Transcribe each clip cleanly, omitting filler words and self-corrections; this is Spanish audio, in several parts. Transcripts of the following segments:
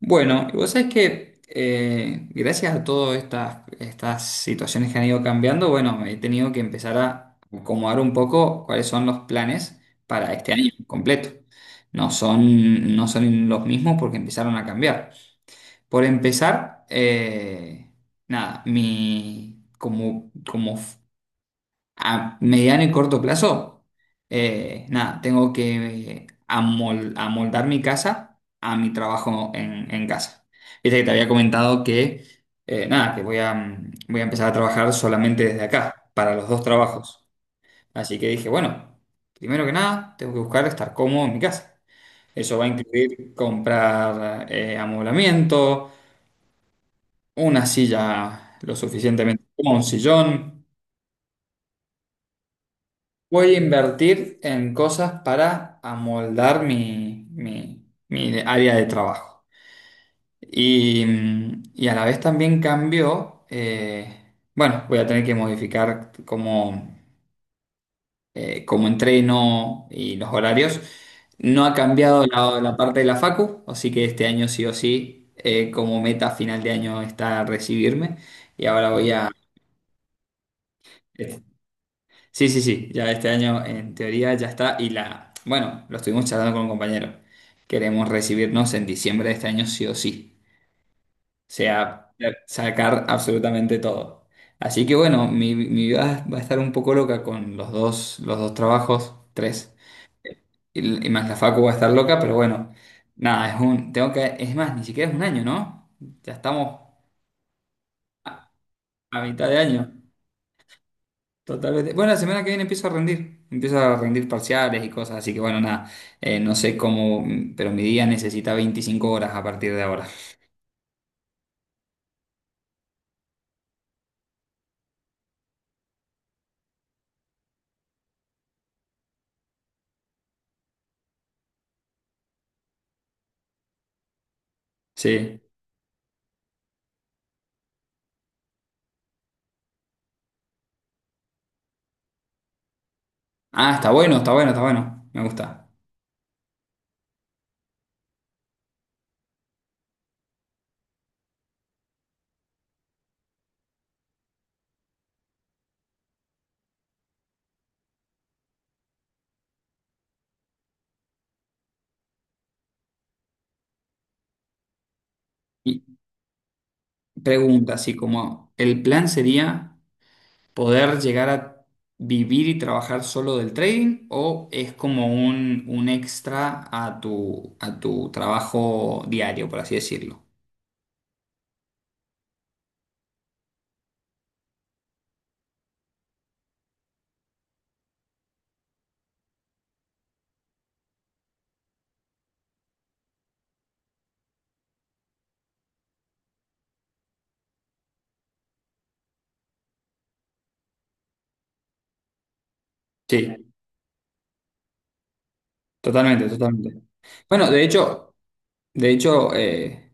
Bueno, y vos sabés que gracias a todas estas situaciones que han ido cambiando, bueno, he tenido que empezar a acomodar un poco cuáles son los planes para este año completo. No son los mismos porque empezaron a cambiar. Por empezar, nada, mi, como, como a mediano y corto plazo, nada, tengo que amoldar mi casa a mi trabajo en casa. Viste que te había comentado que, nada, que voy a empezar a trabajar solamente desde acá, para los dos trabajos. Así que dije, bueno, primero que nada, tengo que buscar estar cómodo en mi casa. Eso va a incluir comprar amoblamiento, una silla lo suficientemente cómoda, un sillón. Voy a invertir en cosas para amoldar mi área de trabajo. Y, y a la vez también cambió, bueno, voy a tener que modificar cómo, cómo entreno y los horarios. No ha cambiado la parte de la facu, así que este año sí o sí, como meta final de año está recibirme. Y ahora voy a, sí, sí, sí, ya este año en teoría ya está bueno, lo estuvimos charlando con un compañero. Queremos recibirnos en diciembre de este año sí o sí. O sea, sacar absolutamente todo. Así que bueno, mi vida va a estar un poco loca con los dos trabajos, tres. Y más la facu va a estar loca, pero bueno, nada, es un, tengo que, es más, ni siquiera es un año, ¿no? Ya estamos a, a mitad de año. Totalmente. Bueno, la semana que viene empiezo a rendir. Empiezo a rendir parciales y cosas, así que bueno, nada. No sé cómo, pero mi día necesita 25 horas a partir de ahora. Sí. Ah, está bueno, está bueno, está bueno. Me gusta. Y pregunta, así como, ¿el plan sería poder llegar a vivir y trabajar solo del trading o es como un extra a a tu trabajo diario, por así decirlo? Sí, totalmente, totalmente. Bueno, de hecho,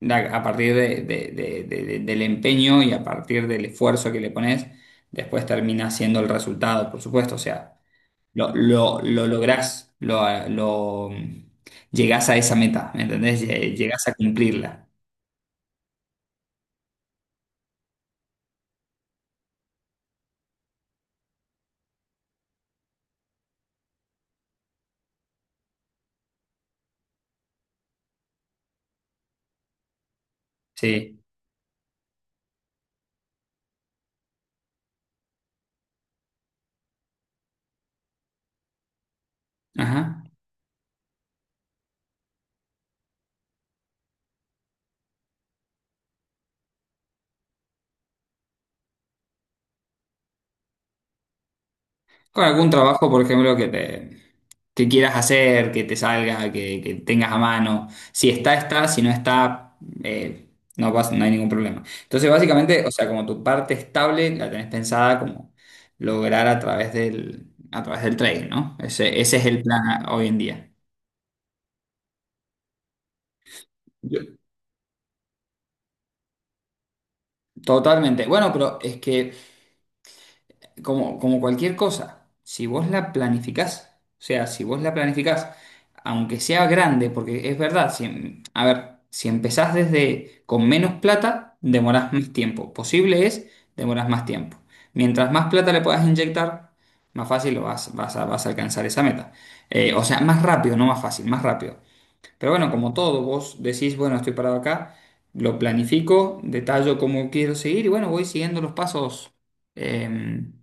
da- a partir de- del empeño y a partir del esfuerzo que le pones, después termina siendo el resultado, por supuesto. O sea, lo lográs, llegás a esa meta, ¿me entendés? Llegás a cumplirla. Sí. Ajá. Con algún trabajo, por ejemplo, que quieras hacer, que te salga, que tengas a mano. Si está, está, si no está, eh, no hay ningún problema. Entonces, básicamente, o sea, como tu parte estable la tenés pensada como lograr a través del trading, ¿no? Ese es el plan hoy en día. Yo- Totalmente. Bueno, pero es que como, como cualquier cosa, si vos la planificás, o sea, si vos la planificás, aunque sea grande, porque es verdad, si, a ver, si empezás desde con menos plata, demorás más tiempo. Posible es, demorás más tiempo. Mientras más plata le puedas inyectar, más fácil lo vas, vas a, vas a alcanzar esa meta. O sea, más rápido, no más fácil, más rápido. Pero bueno, como todo, vos decís, bueno, estoy parado acá, lo planifico, detallo cómo quiero seguir y bueno, voy siguiendo los pasos. em,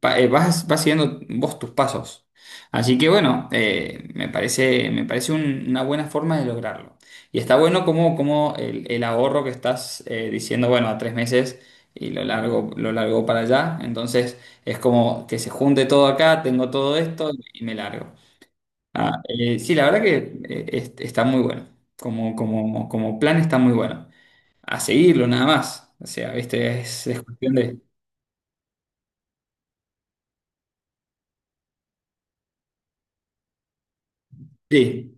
vas siguiendo vos tus pasos. Así que bueno, me parece una buena forma de lograrlo. Y está bueno como, como el ahorro que estás diciendo, bueno, a tres meses y lo largo para allá. Entonces es como que se junte todo acá, tengo todo esto y me largo. Ah, sí, la verdad que está muy bueno. Como, como, como plan está muy bueno. A seguirlo nada más. O sea, ¿viste? Es cuestión de... Sí,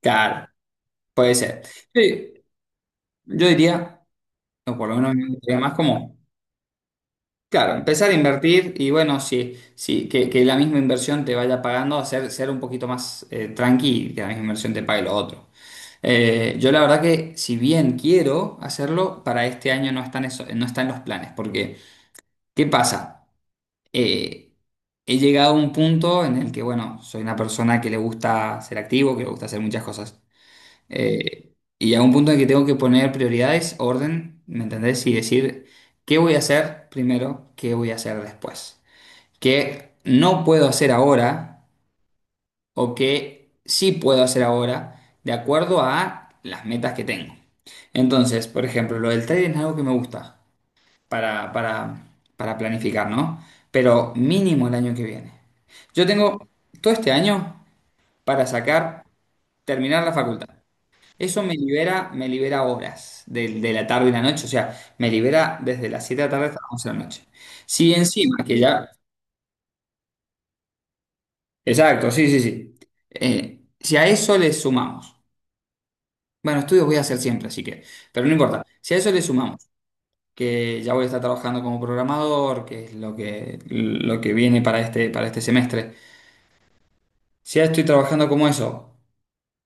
claro. Puede ser. Sí, yo diría, o por lo menos me gustaría más como, claro, empezar a invertir y bueno, sí, sí, que la misma inversión te vaya pagando, hacer, ser un poquito más tranqui y que la misma inversión te pague lo otro. Yo la verdad que si bien quiero hacerlo, para este año no están los planes, porque ¿qué pasa? Eh, he llegado a un punto en el que, bueno, soy una persona que le gusta ser activo, que le gusta hacer muchas cosas. Eh, y a un punto en que tengo que poner prioridades, orden, ¿me entendés? Y decir qué voy a hacer primero, qué voy a hacer después. Qué no puedo hacer ahora o qué sí puedo hacer ahora de acuerdo a las metas que tengo. Entonces, por ejemplo, lo del trading es algo que me gusta para, para, para planificar, ¿no? Pero mínimo el año que viene. Yo tengo todo este año para sacar, terminar la facultad. Me libera horas de la tarde y la noche, o sea, me libera desde las 7 de la tarde hasta las 11 de la noche. Si encima, que ya, exacto, sí, sí, sí. Si a eso le sumamos, bueno, estudios voy a hacer siempre, así que, pero no importa, si a eso le sumamos, que ya voy a estar trabajando como programador, que es lo que viene para este semestre, si ya estoy trabajando como eso,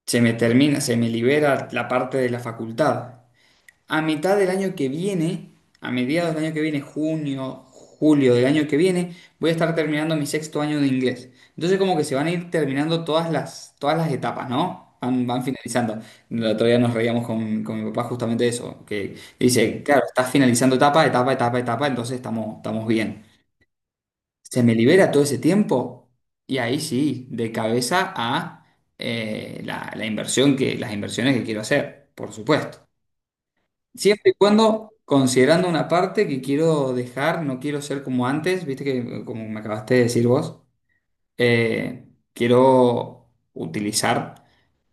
se me libera la parte de la facultad. A mitad del año que viene, a mediados del año que viene, junio, julio del año que viene, voy a estar terminando mi sexto año de inglés. Entonces como que se van a ir terminando todas todas las etapas, ¿no? Van, van finalizando. El otro día nos reíamos con mi papá justamente de eso, que dice, claro, estás finalizando etapa, etapa, etapa, etapa, entonces estamos, estamos bien. Se me libera todo ese tiempo y ahí sí, de cabeza a la inversión que, las inversiones que quiero hacer, por supuesto. Siempre y cuando considerando una parte que quiero dejar, no quiero ser como antes, viste que como me acabaste de decir vos, eh, quiero utilizar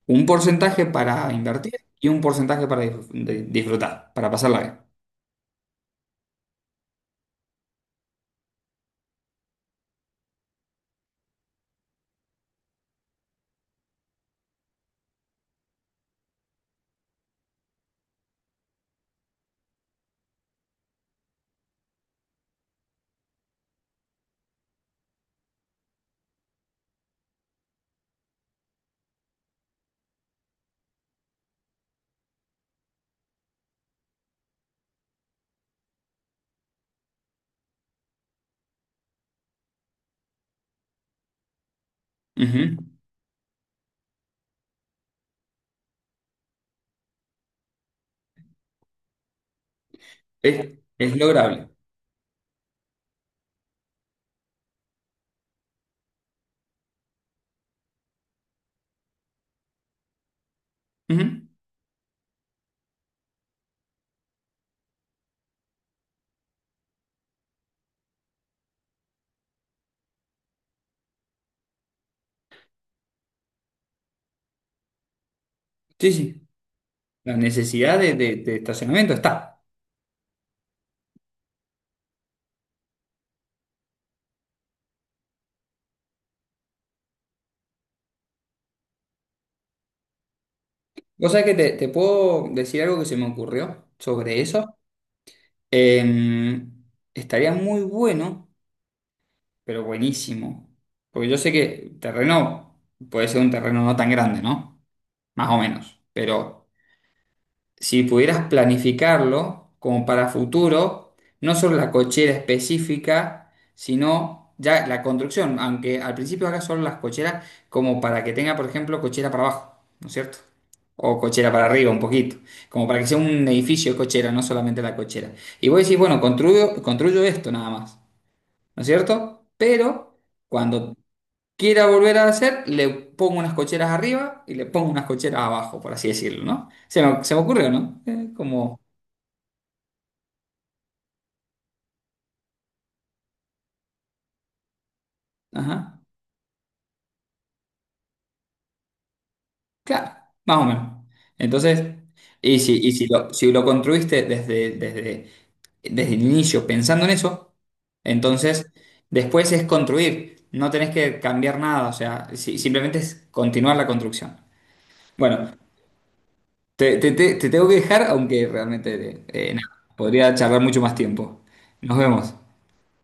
un porcentaje para invertir y un porcentaje para disfrutar, para pasarla bien. Ujú. Es lograble. Ujú. Sí, sí. La necesidad de, de estacionamiento está. Vos sabés que te puedo decir algo que se me ocurrió sobre eso. Em, estaría muy bueno, pero buenísimo. Porque yo sé que el terreno puede ser un terreno no tan grande, ¿no? Más o menos. Pero si pudieras planificarlo como para futuro, no solo la cochera específica, sino ya la construcción, aunque al principio haga solo las cocheras como para que tenga, por ejemplo, cochera para abajo, ¿no es cierto? O cochera para arriba un poquito, como para que sea un edificio de cochera, no solamente la cochera. Y vos decís, bueno, construyo, construyo esto nada más, ¿no es cierto? Pero... Cuando quiera volver a hacer, le pongo unas cocheras arriba y le pongo unas cocheras abajo, por así decirlo, ¿no? Se me ocurrió, ¿no? Como, ajá, claro, más o menos. Entonces, y si lo, si lo construiste desde, desde, desde el inicio pensando en eso, entonces después es construir, no tenés que cambiar nada, o sea, simplemente es continuar la construcción. Bueno, te tengo que dejar, aunque realmente nada, podría charlar mucho más tiempo. Nos vemos.